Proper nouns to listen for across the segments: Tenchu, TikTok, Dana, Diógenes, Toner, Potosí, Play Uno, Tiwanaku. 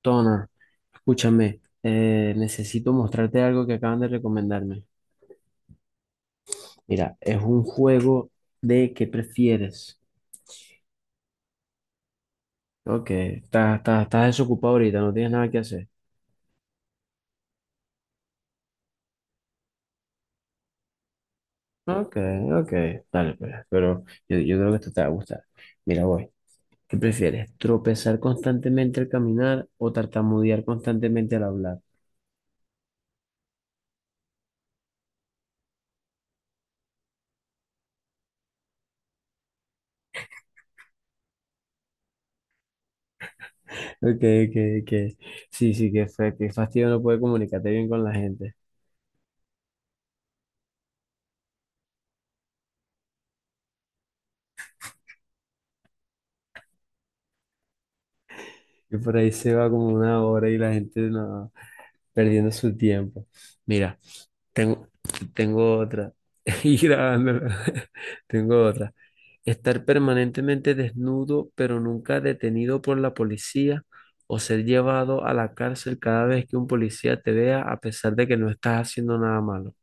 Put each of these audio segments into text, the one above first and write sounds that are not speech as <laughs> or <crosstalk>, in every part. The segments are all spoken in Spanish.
Toner, escúchame, necesito mostrarte algo que acaban de recomendarme. Mira, es un juego de qué prefieres. Ok, estás desocupado ahorita, no tienes nada que hacer. Ok, ok, dale, pues, pero yo creo que esto te va a gustar. Mira, voy. ¿Qué prefieres? ¿Tropezar constantemente al caminar o tartamudear constantemente al hablar? <laughs> Ok, ok, ok. Sí, sí, qué fastidio no poder comunicarte bien con la gente. Y por ahí se va como una hora y la gente no, perdiendo su tiempo. Mira, tengo, tengo otra. <laughs> Y grabándola. <laughs> Tengo otra. Estar permanentemente desnudo, pero nunca detenido por la policía, o ser llevado a la cárcel cada vez que un policía te vea, a pesar de que no estás haciendo nada malo.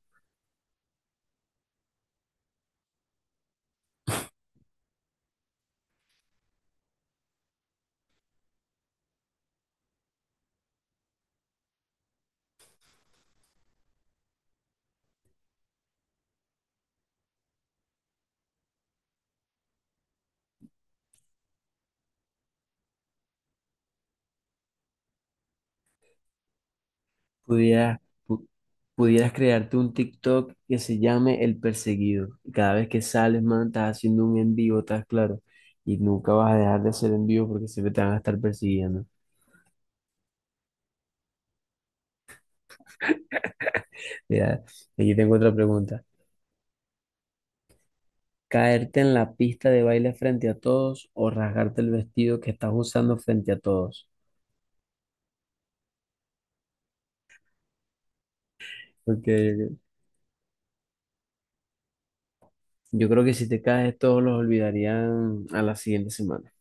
Pudieras, pu- pudieras crearte un TikTok que se llame El Perseguido. Y cada vez que sales, man, estás haciendo un envío, estás claro. Y nunca vas a dejar de hacer envío porque siempre te van a estar persiguiendo. Mira, aquí tengo otra pregunta. ¿Caerte en la pista de baile frente a todos o rasgarte el vestido que estás usando frente a todos? Porque yo creo que si te caes, todos los olvidarían a la siguiente semana.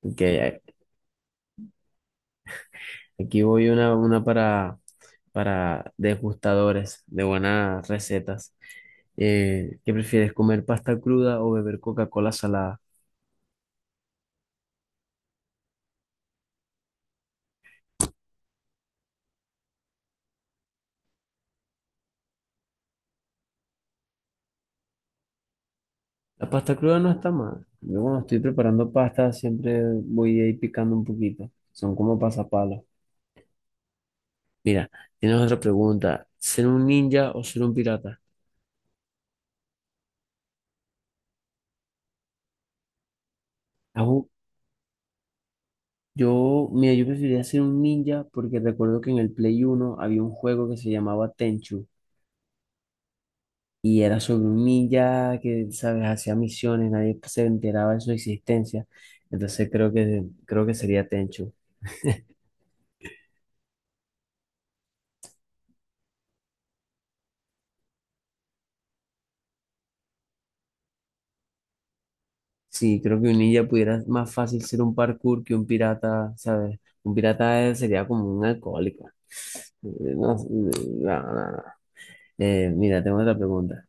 Ok, aquí voy una para degustadores de buenas recetas. ¿Qué prefieres, comer pasta cruda o beber Coca-Cola salada? La pasta cruda no está mal. Yo cuando estoy preparando pasta siempre voy ahí picando un poquito. Son como pasapalos. Mira, tienes otra pregunta. ¿Ser un ninja o ser un pirata? Ajú, mira, yo preferiría ser un ninja porque recuerdo que en el Play Uno había un juego que se llamaba Tenchu y era sobre un ninja que, sabes, hacía misiones, nadie se enteraba de su existencia. Entonces creo que sería Tenchu. Sí, creo que un ninja pudiera más fácil ser un parkour que un pirata, ¿sabes? Un pirata sería como un alcohólico. No, no, no, no. Mira, tengo otra pregunta.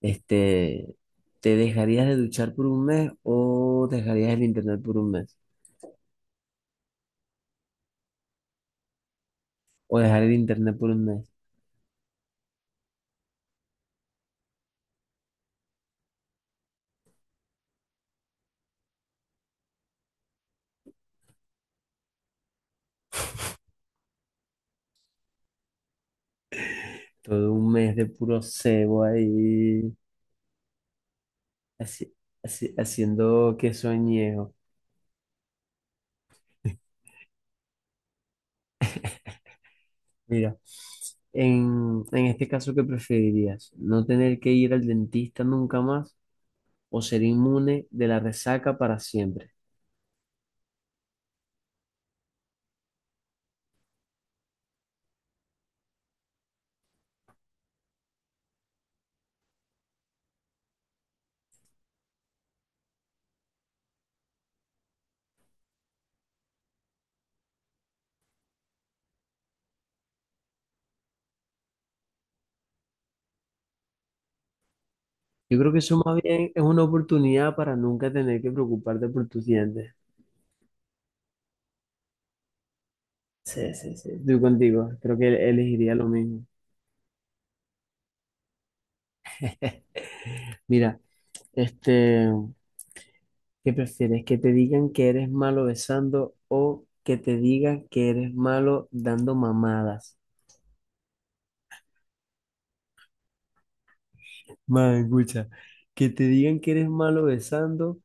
Este, ¿te dejarías de duchar por un mes o dejarías el internet por un mes? O dejar el internet por un mes. Todo un mes de puro cebo ahí, así, haciendo que soñejo. Mira, en este caso, ¿qué preferirías? ¿No tener que ir al dentista nunca más o ser inmune de la resaca para siempre? Yo creo que eso más bien es una oportunidad para nunca tener que preocuparte por tus dientes. Sí, sí, sí, estoy contigo. Creo que elegiría lo mismo. <laughs> Mira, este, ¿qué prefieres? ¿Que te digan que eres malo besando o que te digan que eres malo dando mamadas? Man, escucha, que te digan que eres malo besando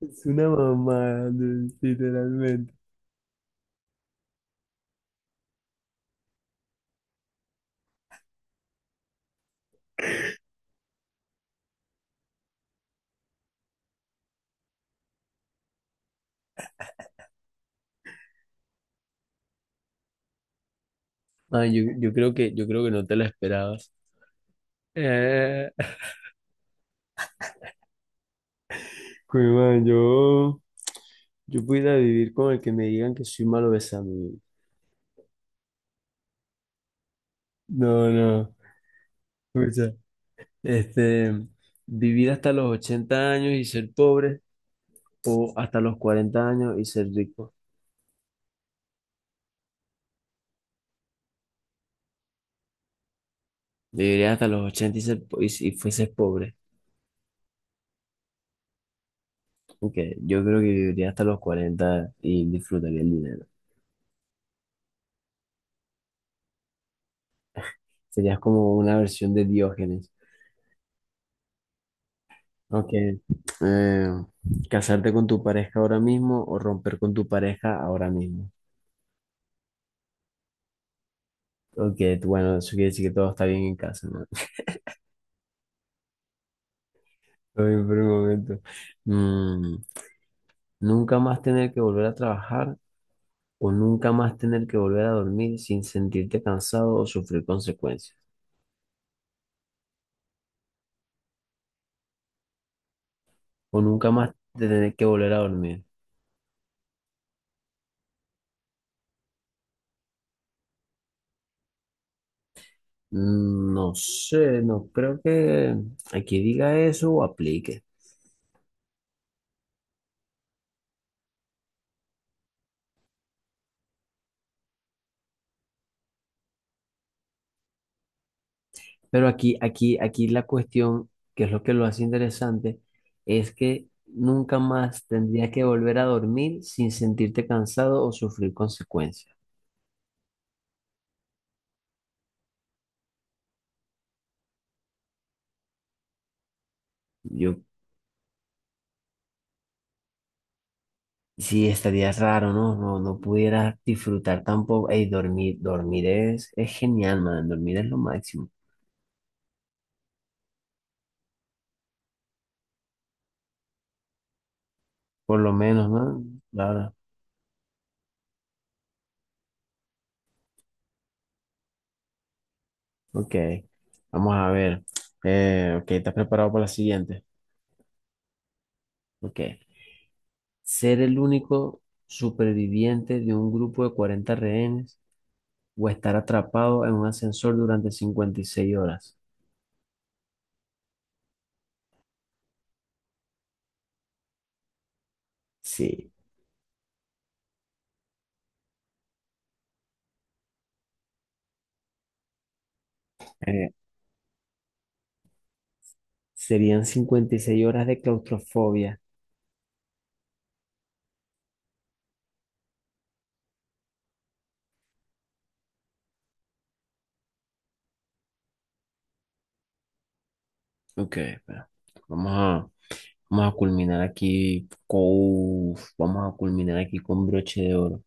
es una mamada, literalmente. Man, yo creo que no te la esperabas. Eh. <laughs> Pues, man, yo pudiera vivir con el que me digan que soy malo besando. No, no. Este, vivir hasta los 80 años y ser pobre o hasta los 40 años y ser rico. Viviría hasta los 80 y si fueses pobre. Aunque yo creo que viviría hasta los 40 y disfrutaría el dinero. Serías como una versión de Diógenes. Aunque eh, casarte con tu pareja ahora mismo o romper con tu pareja ahora mismo. Ok, bueno, eso quiere decir que todo está bien en casa, ¿no? <laughs> Todo bien por el momento. Mm, Nunca más tener que volver a trabajar o nunca más tener que volver a dormir sin sentirte cansado o sufrir consecuencias. O nunca más tener que volver a dormir. No sé, no creo que aquí diga eso o aplique. Pero aquí la cuestión, que es lo que lo hace interesante, es que nunca más tendrías que volver a dormir sin sentirte cansado o sufrir consecuencias. Yo Sí, estaría raro, ¿no? No, no pudiera disfrutar tampoco. Ey, dormir, dormir es genial, man. Dormir es lo máximo. Por lo menos, ¿no? Claro. Ok. Vamos a ver. Ok, ¿estás preparado para la siguiente? Ok. Ser el único superviviente de un grupo de 40 rehenes o estar atrapado en un ascensor durante 56 horas. Sí. Eh, Serían 56 horas de claustrofobia. Ok, espera. Vamos a... Vamos a culminar aquí con broche de oro.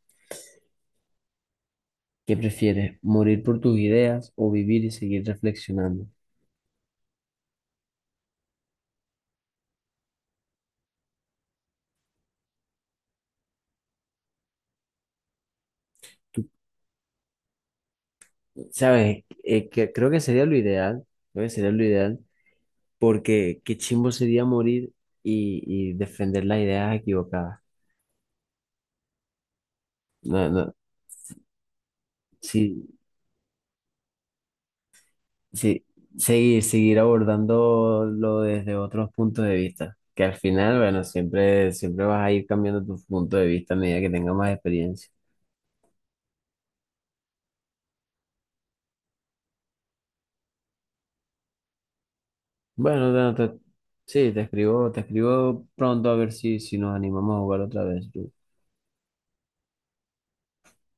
¿Qué prefieres, morir por tus ideas o vivir y seguir reflexionando? Tú sabes, que creo que sería lo ideal, creo que sería lo ideal, porque qué chimbo sería morir y defender las ideas equivocadas. No, no, sí, sí, seguir abordándolo desde otros puntos de vista, que al final, bueno, siempre, siempre vas a ir cambiando tu punto de vista a medida que tengas más experiencia. Bueno, Dana, sí, te escribo pronto a ver si nos animamos a jugar otra vez.